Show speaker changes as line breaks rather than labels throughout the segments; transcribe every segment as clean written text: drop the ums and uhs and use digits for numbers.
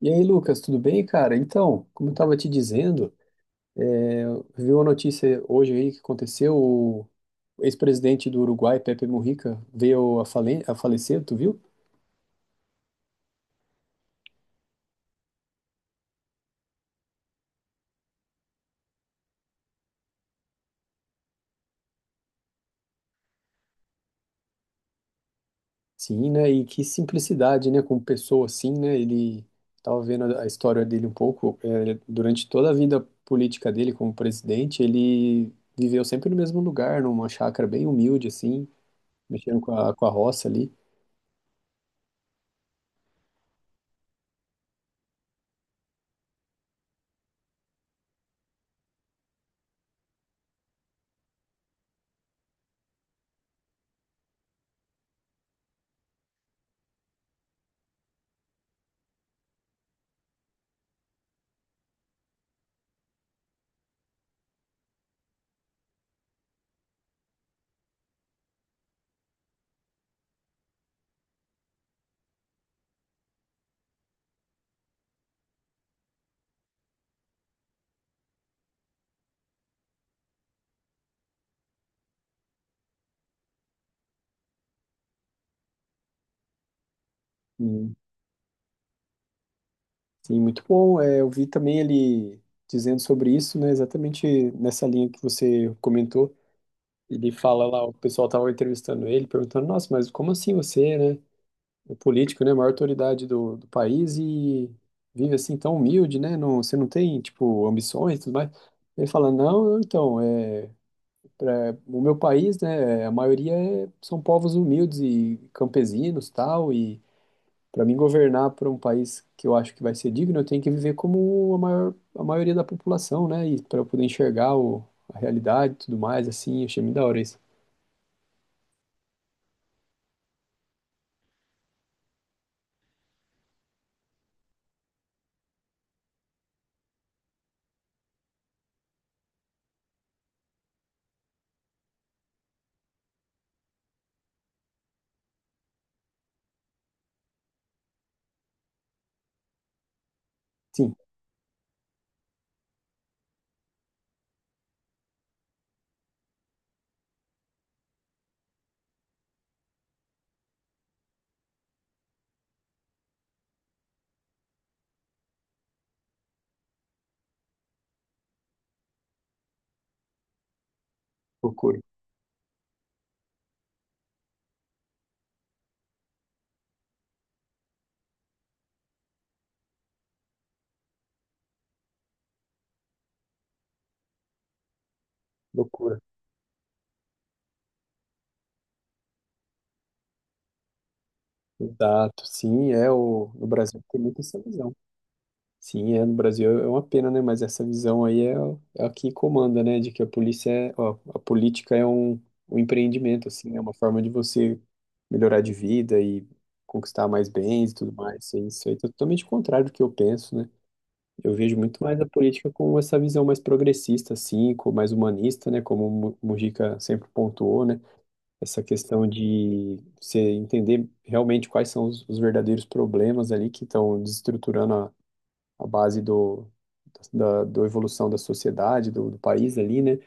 E aí, Lucas, tudo bem, cara? Então, como eu estava te dizendo, viu uma notícia hoje aí que aconteceu, o ex-presidente do Uruguai, Pepe Mujica, veio a falecer, tu viu? Sim, né? E que simplicidade, né? Como pessoa assim, né? Ele estava vendo a história dele um pouco, durante toda a vida política dele como presidente, ele viveu sempre no mesmo lugar, numa chácara bem humilde, assim, mexendo com a roça ali. Sim, muito bom. É, eu vi também ele dizendo sobre isso, né, exatamente nessa linha que você comentou. Ele fala lá, o pessoal estava entrevistando ele, perguntando, nossa, mas como assim você, né, é político, né, a maior autoridade do país e vive assim tão humilde, né, não, você não tem, tipo, ambições e tudo mais. Ele fala, não, não, então, o meu país, né, a maioria são povos humildes e campesinos, tal, e para mim governar para um país que eu acho que vai ser digno, eu tenho que viver como a maioria da população, né? E para eu poder enxergar a realidade e tudo mais, assim, achei muito da hora isso. Sim, loucura, loucura. Exato, sim, no Brasil tem muito essa visão. Sim, no Brasil é uma pena, né? Mas essa visão aí é a que comanda, né? De que a polícia é, ó, a política é um empreendimento, assim, é uma forma de você melhorar de vida e conquistar mais bens e tudo mais. Isso aí é totalmente contrário do que eu penso, né? Eu vejo muito mais a política com essa visão mais progressista, assim, com mais humanista, né? Como o Mujica sempre pontuou, né? Essa questão de você entender realmente quais são os verdadeiros problemas ali que estão desestruturando a base da evolução da sociedade, do país ali, né?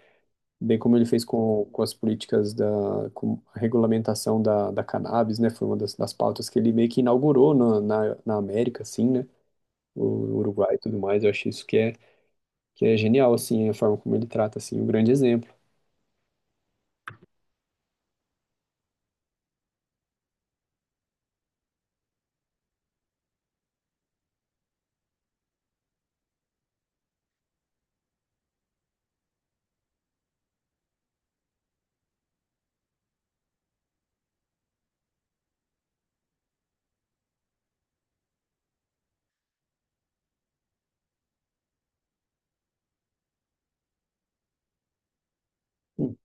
Bem como ele fez com as políticas da com a regulamentação da cannabis, né? Foi uma das pautas que ele meio que inaugurou na América, assim, né? O Uruguai e tudo mais. Eu acho isso que é genial, assim, a forma como ele trata, assim, um grande exemplo. Hum.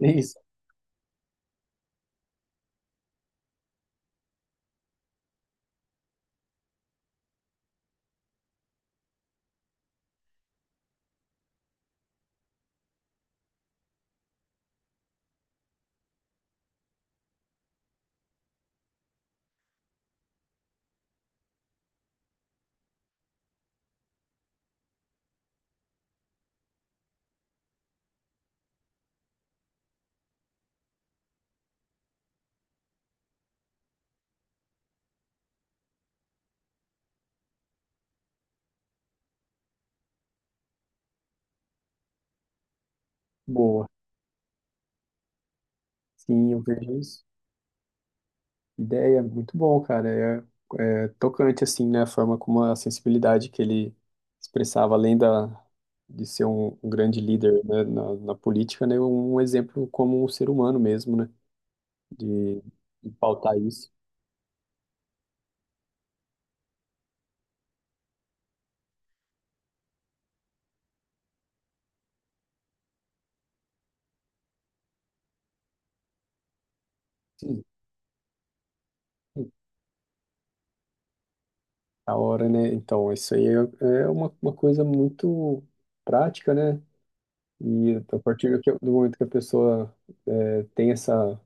É isso. Boa. Sim, eu vejo isso. Ideia, muito bom, cara. É tocante, assim, né? A forma como a sensibilidade que ele expressava, além de ser um grande líder, né, na política, né? Um exemplo como um ser humano mesmo, né? De, de pautar isso. Sim. A hora, né? Então, isso aí é uma coisa muito prática, né? E a partir do momento que a pessoa tem essa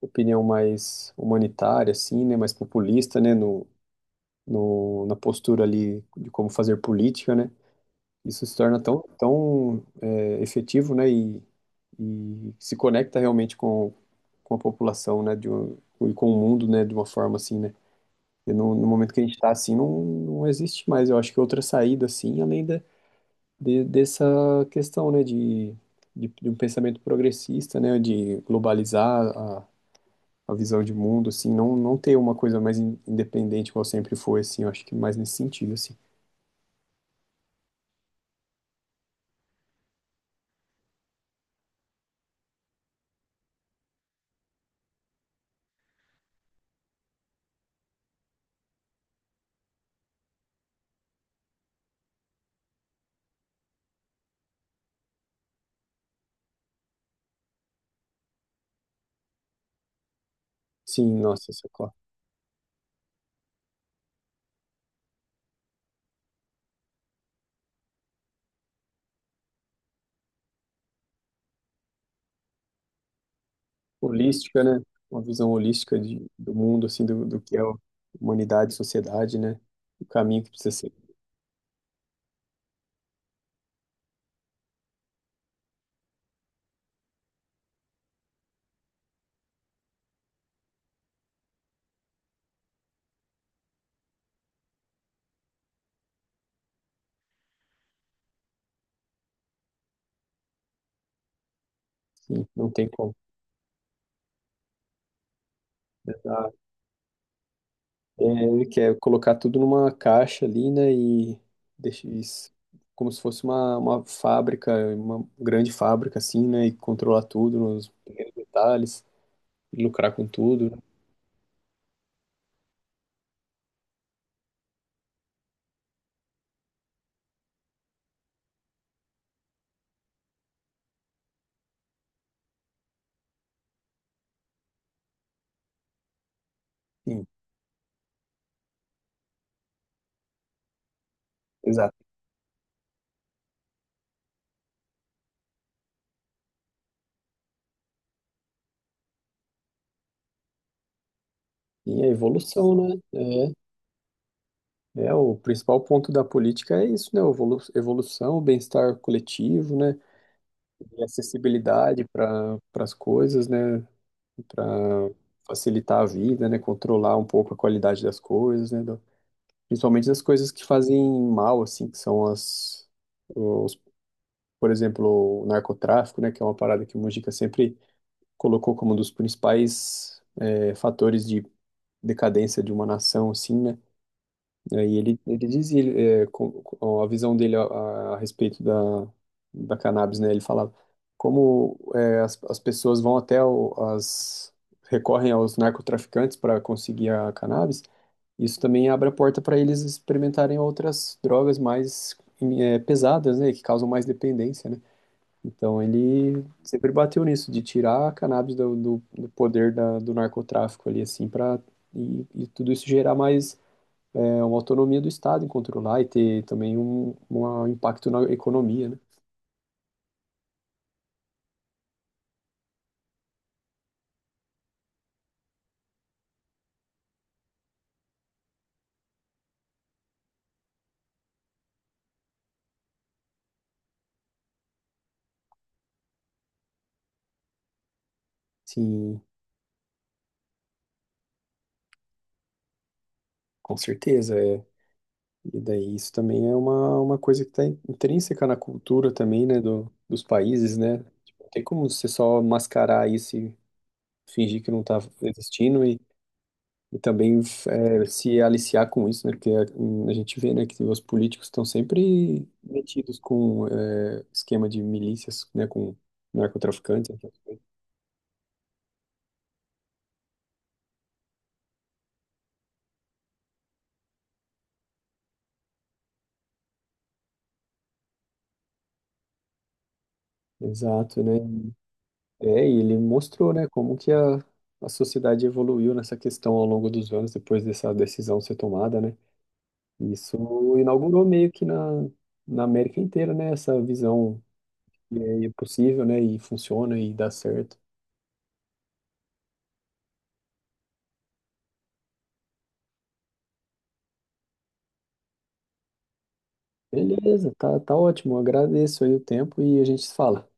opinião mais humanitária, assim, né? Mais populista, né? No, no, na postura ali de como fazer política, né? Isso se torna tão, tão efetivo, né? E se conecta realmente com a população, né? De um, e com o mundo, né? De uma forma assim, né? E no momento que a gente está assim, não, não existe mais. Eu acho que outra saída, assim, além dessa questão, né? De um pensamento progressista, né? De globalizar a visão de mundo, assim, não, não ter uma coisa mais independente, como sempre foi, assim, eu acho que mais nesse sentido, assim. Sim, nossa, isso é claro. Holística, né? Uma visão holística do mundo, assim, do que é a humanidade, sociedade, né? O caminho que precisa ser. Sim, não tem como. Exato. É, ele quer colocar tudo numa caixa ali, né? E deixa isso como se fosse uma fábrica, uma grande fábrica, assim, né? E controlar tudo nos pequenos detalhes, e lucrar com tudo, né? Sim, exato. E a evolução, né? É, o principal ponto da política é isso, né? Evolução, bem-estar coletivo, né? E acessibilidade para as coisas, né? Para facilitar a vida, né? Controlar um pouco a qualidade das coisas, né? Principalmente das coisas que fazem mal, assim, que são os, por exemplo, o narcotráfico, né? Que é uma parada que o Mujica sempre colocou como um dos principais fatores de decadência de uma nação, assim, né? E aí ele, ele dizia, com a visão dele a respeito da cannabis, né? Ele falava como é, as pessoas vão até recorrem aos narcotraficantes para conseguir a cannabis, isso também abre a porta para eles experimentarem outras drogas mais pesadas, né? Que causam mais dependência, né? Então ele sempre bateu nisso, de tirar a cannabis do poder do narcotráfico ali, assim, para e tudo isso gerar mais uma autonomia do Estado em controlar e ter também um impacto na economia, né? Sim, com certeza, é. E daí isso também é uma coisa que está intrínseca na cultura também, né, dos países, né? Tipo, não tem como você só mascarar isso e fingir que não está existindo e também se aliciar com isso, né? Porque a gente vê, né, que os políticos estão sempre metidos com esquema de milícias, né, com narcotraficantes. Essas coisas. Exato, né? É, e ele mostrou, né, como que a sociedade evoluiu nessa questão ao longo dos anos, depois dessa decisão ser tomada, né? E isso inaugurou meio que na América inteira, né, essa visão e aí é possível, né, e funciona e dá certo. Beleza, tá, tá ótimo, agradeço aí o tempo e a gente se fala.